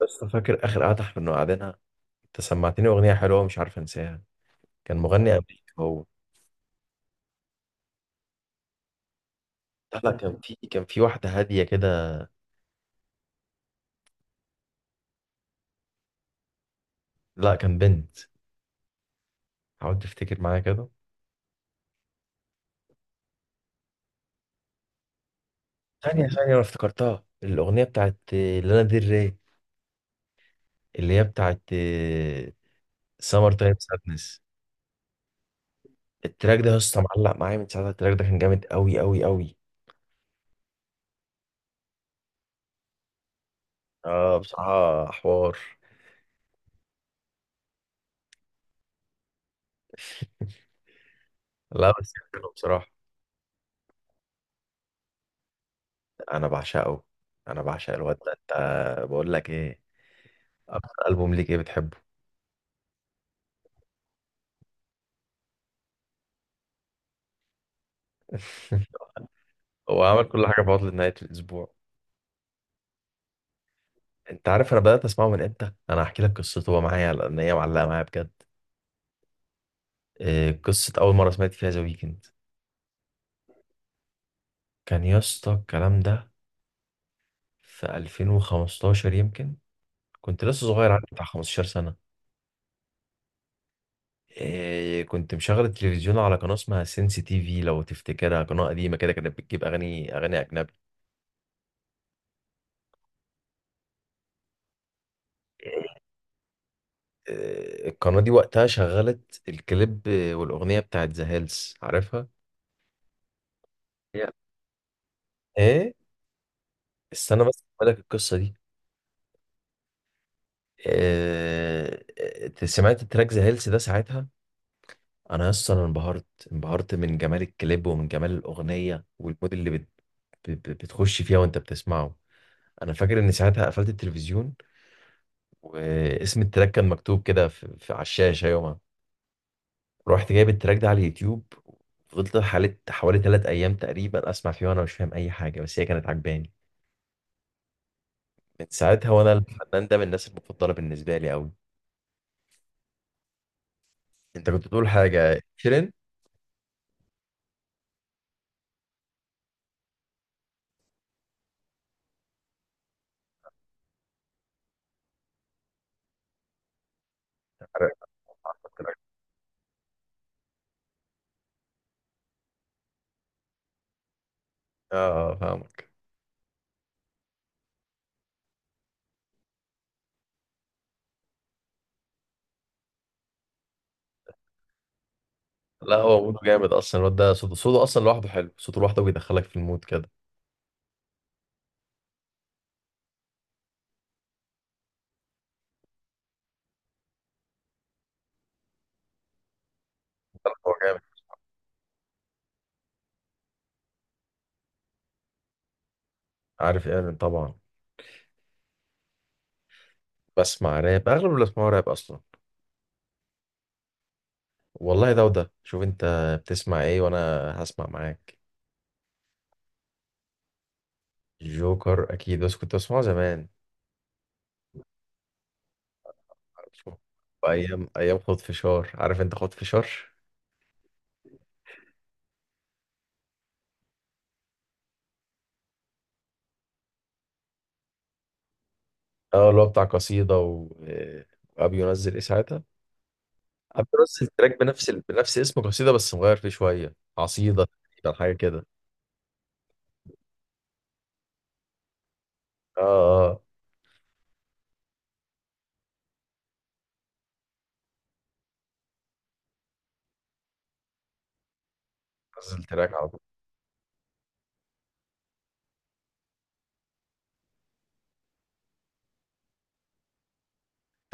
بس فاكر اخر قعده احنا قعدنا. انت سمعتني اغنيه حلوه مش عارف انساها. كان مغني امريكي هو. لا، لا، كان في واحده هاديه كده. لا كان بنت. حاولت افتكر معاها كده. ثانيه ثانيه، انا افتكرتها، الاغنيه بتاعت لانا ديل ري، اللي هي بتاعت سمر تايم سادنس. التراك ده يا اسطى معلق معايا من ساعتها. التراك ده كان جامد قوي قوي قوي. اه، بصراحه حوار. لا بس حلو بصراحه. انا بعشقه. انا بعشق الواد ده. انت، بقول لك ايه، اكتر البوم ليك ايه بتحبه؟ هو عمل كل حاجه في عطله نهايه الاسبوع. انت عارف انا بدات اسمعه من امتى؟ انا هحكي لك قصته هو معايا، لان هي معلقه معايا بجد. إيه قصه اول مره سمعت فيها ذا ويكند؟ كان يا اسطى الكلام ده في 2015 يمكن. كنت لسه صغير، عندي بتاع 15 سنه. إيه، كنت مشغل التلفزيون على قناه اسمها سينسي تي في، لو تفتكرها، قناه قديمه كده كانت بتجيب اغاني، اغاني اجنبي. إيه، القناه دي وقتها شغلت الكليب والاغنيه بتاعت ذا هيلز، عارفها؟ Yeah. ايه، استنى بس اقول لك القصه دي. آه. آه، سمعت التراك ذا هيلث ده ساعتها. انا اصلا أنا انبهرت. انبهرت من جمال الكليب ومن جمال الاغنيه والمود اللي بتخش فيها وانت بتسمعه. انا فاكر ان ساعتها قفلت التلفزيون، واسم التراك كان مكتوب كده في على الشاشه يومها. رحت جايب التراك ده على اليوتيوب. فضلت حوالي 3 ايام تقريبا اسمع فيه وانا مش فاهم اي حاجه، بس هي كانت عجباني. من ساعتها وانا الفنان ده من الناس المفضله بالنسبه لي قوي. انت كنت بتقول حاجه، شيرين؟ اه، فاهمك. لا هو موده جامد اصلا. الواد ده صوته اصلا لوحده حلو. صوته لوحده بيدخلك في المود كده. لا، هو جامد. عارف ايه، انا طبعا بسمع راب. اغلب اللي بسمعه راب اصلا. والله ده وده، شوف انت بتسمع ايه وانا هسمع معاك. جوكر اكيد، بس كنت بسمعه زمان. عارفه. ايام ايام خد فشار، عارف انت خد فشار؟ اه اللي هو بتاع قصيده و... وابي ينزل ايه ساعتها. ابي ينزل تراك بنفس اسم قصيده، بس مغير فيه شويه، عصيده تقريبا، حاجه كده. اه، آه. نزل تراك على طول.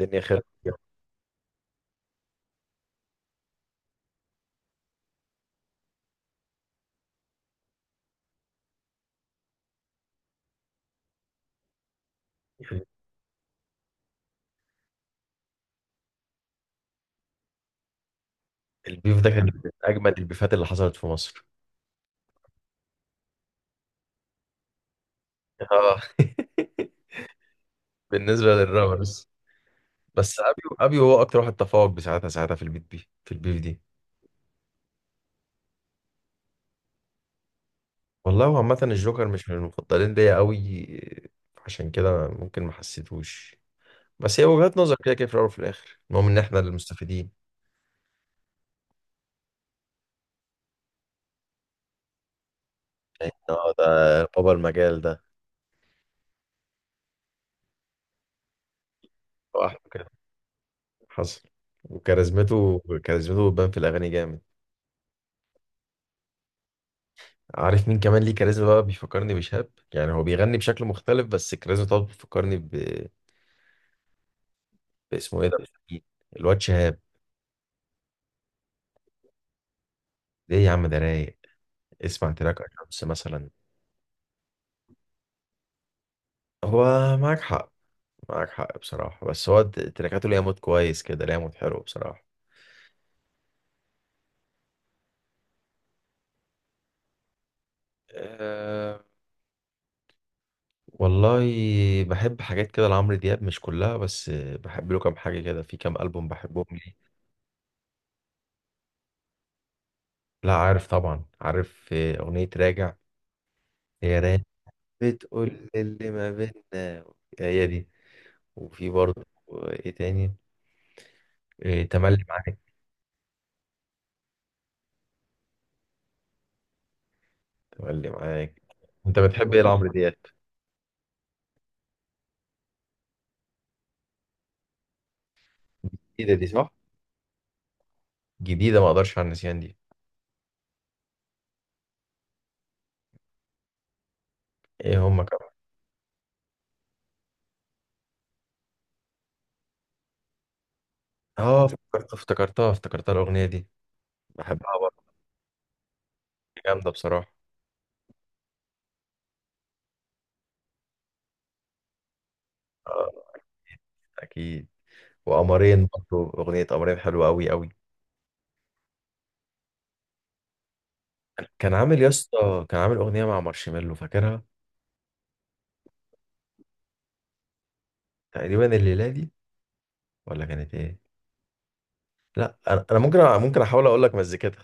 الدنيا خير. البيف ده كان من اجمد البيفات اللي حصلت في مصر. اه. بالنسبه للرابرز. بس ابي، هو اكتر واحد تفوق بساعتها، ساعتها في البيت دي في البيف دي. والله هو عامه الجوكر مش من المفضلين ليا قوي، عشان كده ممكن ما حسيتهوش. بس هي وجهات نظر، كده كده في الاول وفي الاخر المهم ان احنا اللي مستفيدين. اه ده بابا المجال ده. لوحده كده حصل. وكاريزمته، بتبان في الاغاني جامد. عارف مين كمان ليه كاريزما بقى؟ بيفكرني بشهاب. يعني هو بيغني بشكل مختلف بس الكاريزما طبعا بيفكرني ب... باسمه ايه ده؟ مين؟ الواد شهاب. ليه يا عم، ده رايق. اسمع تراك الشمس مثلا. هو معاك حق. معاك حق بصراحة، بس هو تراكاته ليها مود كويس كده، ليها مود حلو بصراحة. أه، والله بحب حاجات كده لعمرو دياب. مش كلها بس بحب له كام حاجة كده، في كام ألبوم بحبهم ليه. لا عارف طبعا، عارف. آه، أغنية راجع. هي راجع، بتقول اللي ما بيننا. هي دي. وفي برضه، آه، ايه تاني، إيه، تملي معاك. تملي معاك. انت بتحب ايه لعمرو دياب؟ جديدة دي صح، جديدة ما اقدرش على النسيان دي. ايه، هما كمان. اه افتكرت، افتكرتها الاغنية دي. بحبها برضه. جامدة بصراحة. آه، اكيد. وقمرين، برضه اغنية قمرين حلوة قوي قوي. كان عامل يا اسطى كان عامل اغنية مع مارشميلو، فاكرها؟ تقريبا الليلة دي، ولا كانت ايه؟ لا انا، أنا ممكن ممكن احاول اقول لك مزيكتها،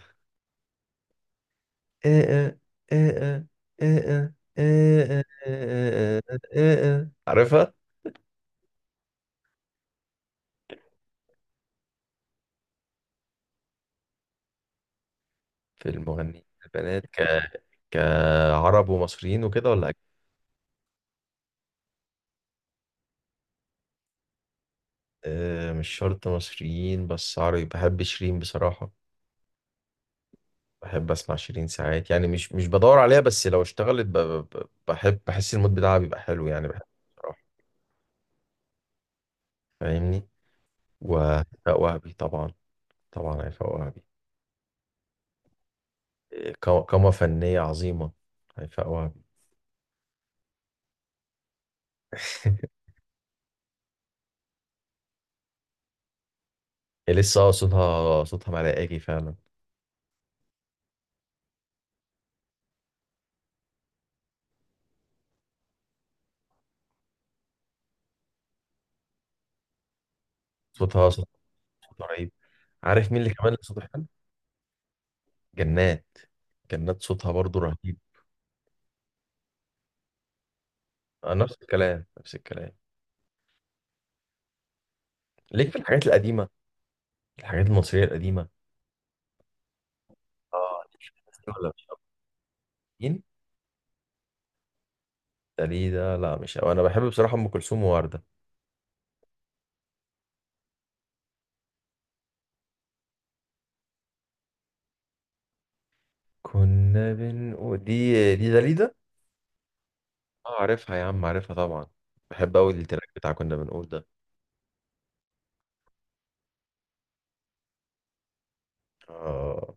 عارفها. في المغنيين البنات كعرب ومصريين وكده، ولا أجنبي؟ آه، مش شرط مصريين بس، عربي بحب شيرين بصراحة. بحب أسمع شيرين ساعات، يعني مش بدور عليها، بس لو اشتغلت بحب، بحس المود بتاعها بيبقى حلو، يعني بحب بصراحة، فاهمني؟ وهيفاء وهبي طبعا. طبعا هيفاء وهبي. آه، قامة فنية عظيمة، هيفاء وهبي. هي لسه صوتها ملائكي فعلا. صوتها صوت، صوتها رهيب. عارف مين اللي كمان اللي صوته حلو؟ جنات. جنات صوتها برضو رهيب. آه، نفس الكلام، نفس الكلام. ليك في الحاجات القديمة، الحاجات المصرية القديمة؟ اه، ليك في الناس ولا مش؟ مين؟ ده، ليه ده؟ لا مش أوي. انا بحب بصراحة ام كلثوم ووردة. كنا بنقول دي، ده ليه ده؟ اه عارفها يا عم، عارفها طبعا. بحب قوي التراك بتاع كنا بنقول ده. اه،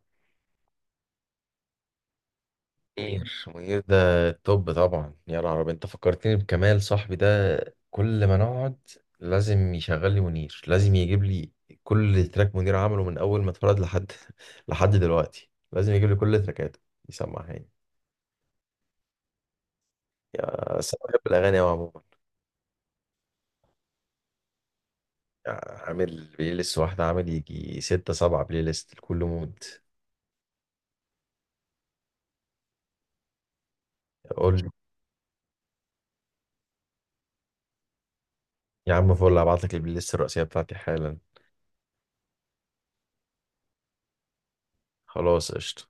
منير، منير ده توب طبعا. يا نهار أبيض، انت فكرتني بكمال صاحبي ده. كل ما نقعد لازم يشغل لي منير، لازم يجيب لي كل تراك منير عمله من اول ما اتولد لحد، لحد دلوقتي لازم يجيب لي كل تراكاته يسمعها لي. يا بس انا بحب الاغاني قوي عموما. يعني عامل بلاي ليست واحده؟ عامل يجي ستة سبعة بلاي ليست لكل مود. قول لي يا عم، فول هبعت لك البلاي ليست الرئيسيه بتاعتي حالا. خلاص قشطه.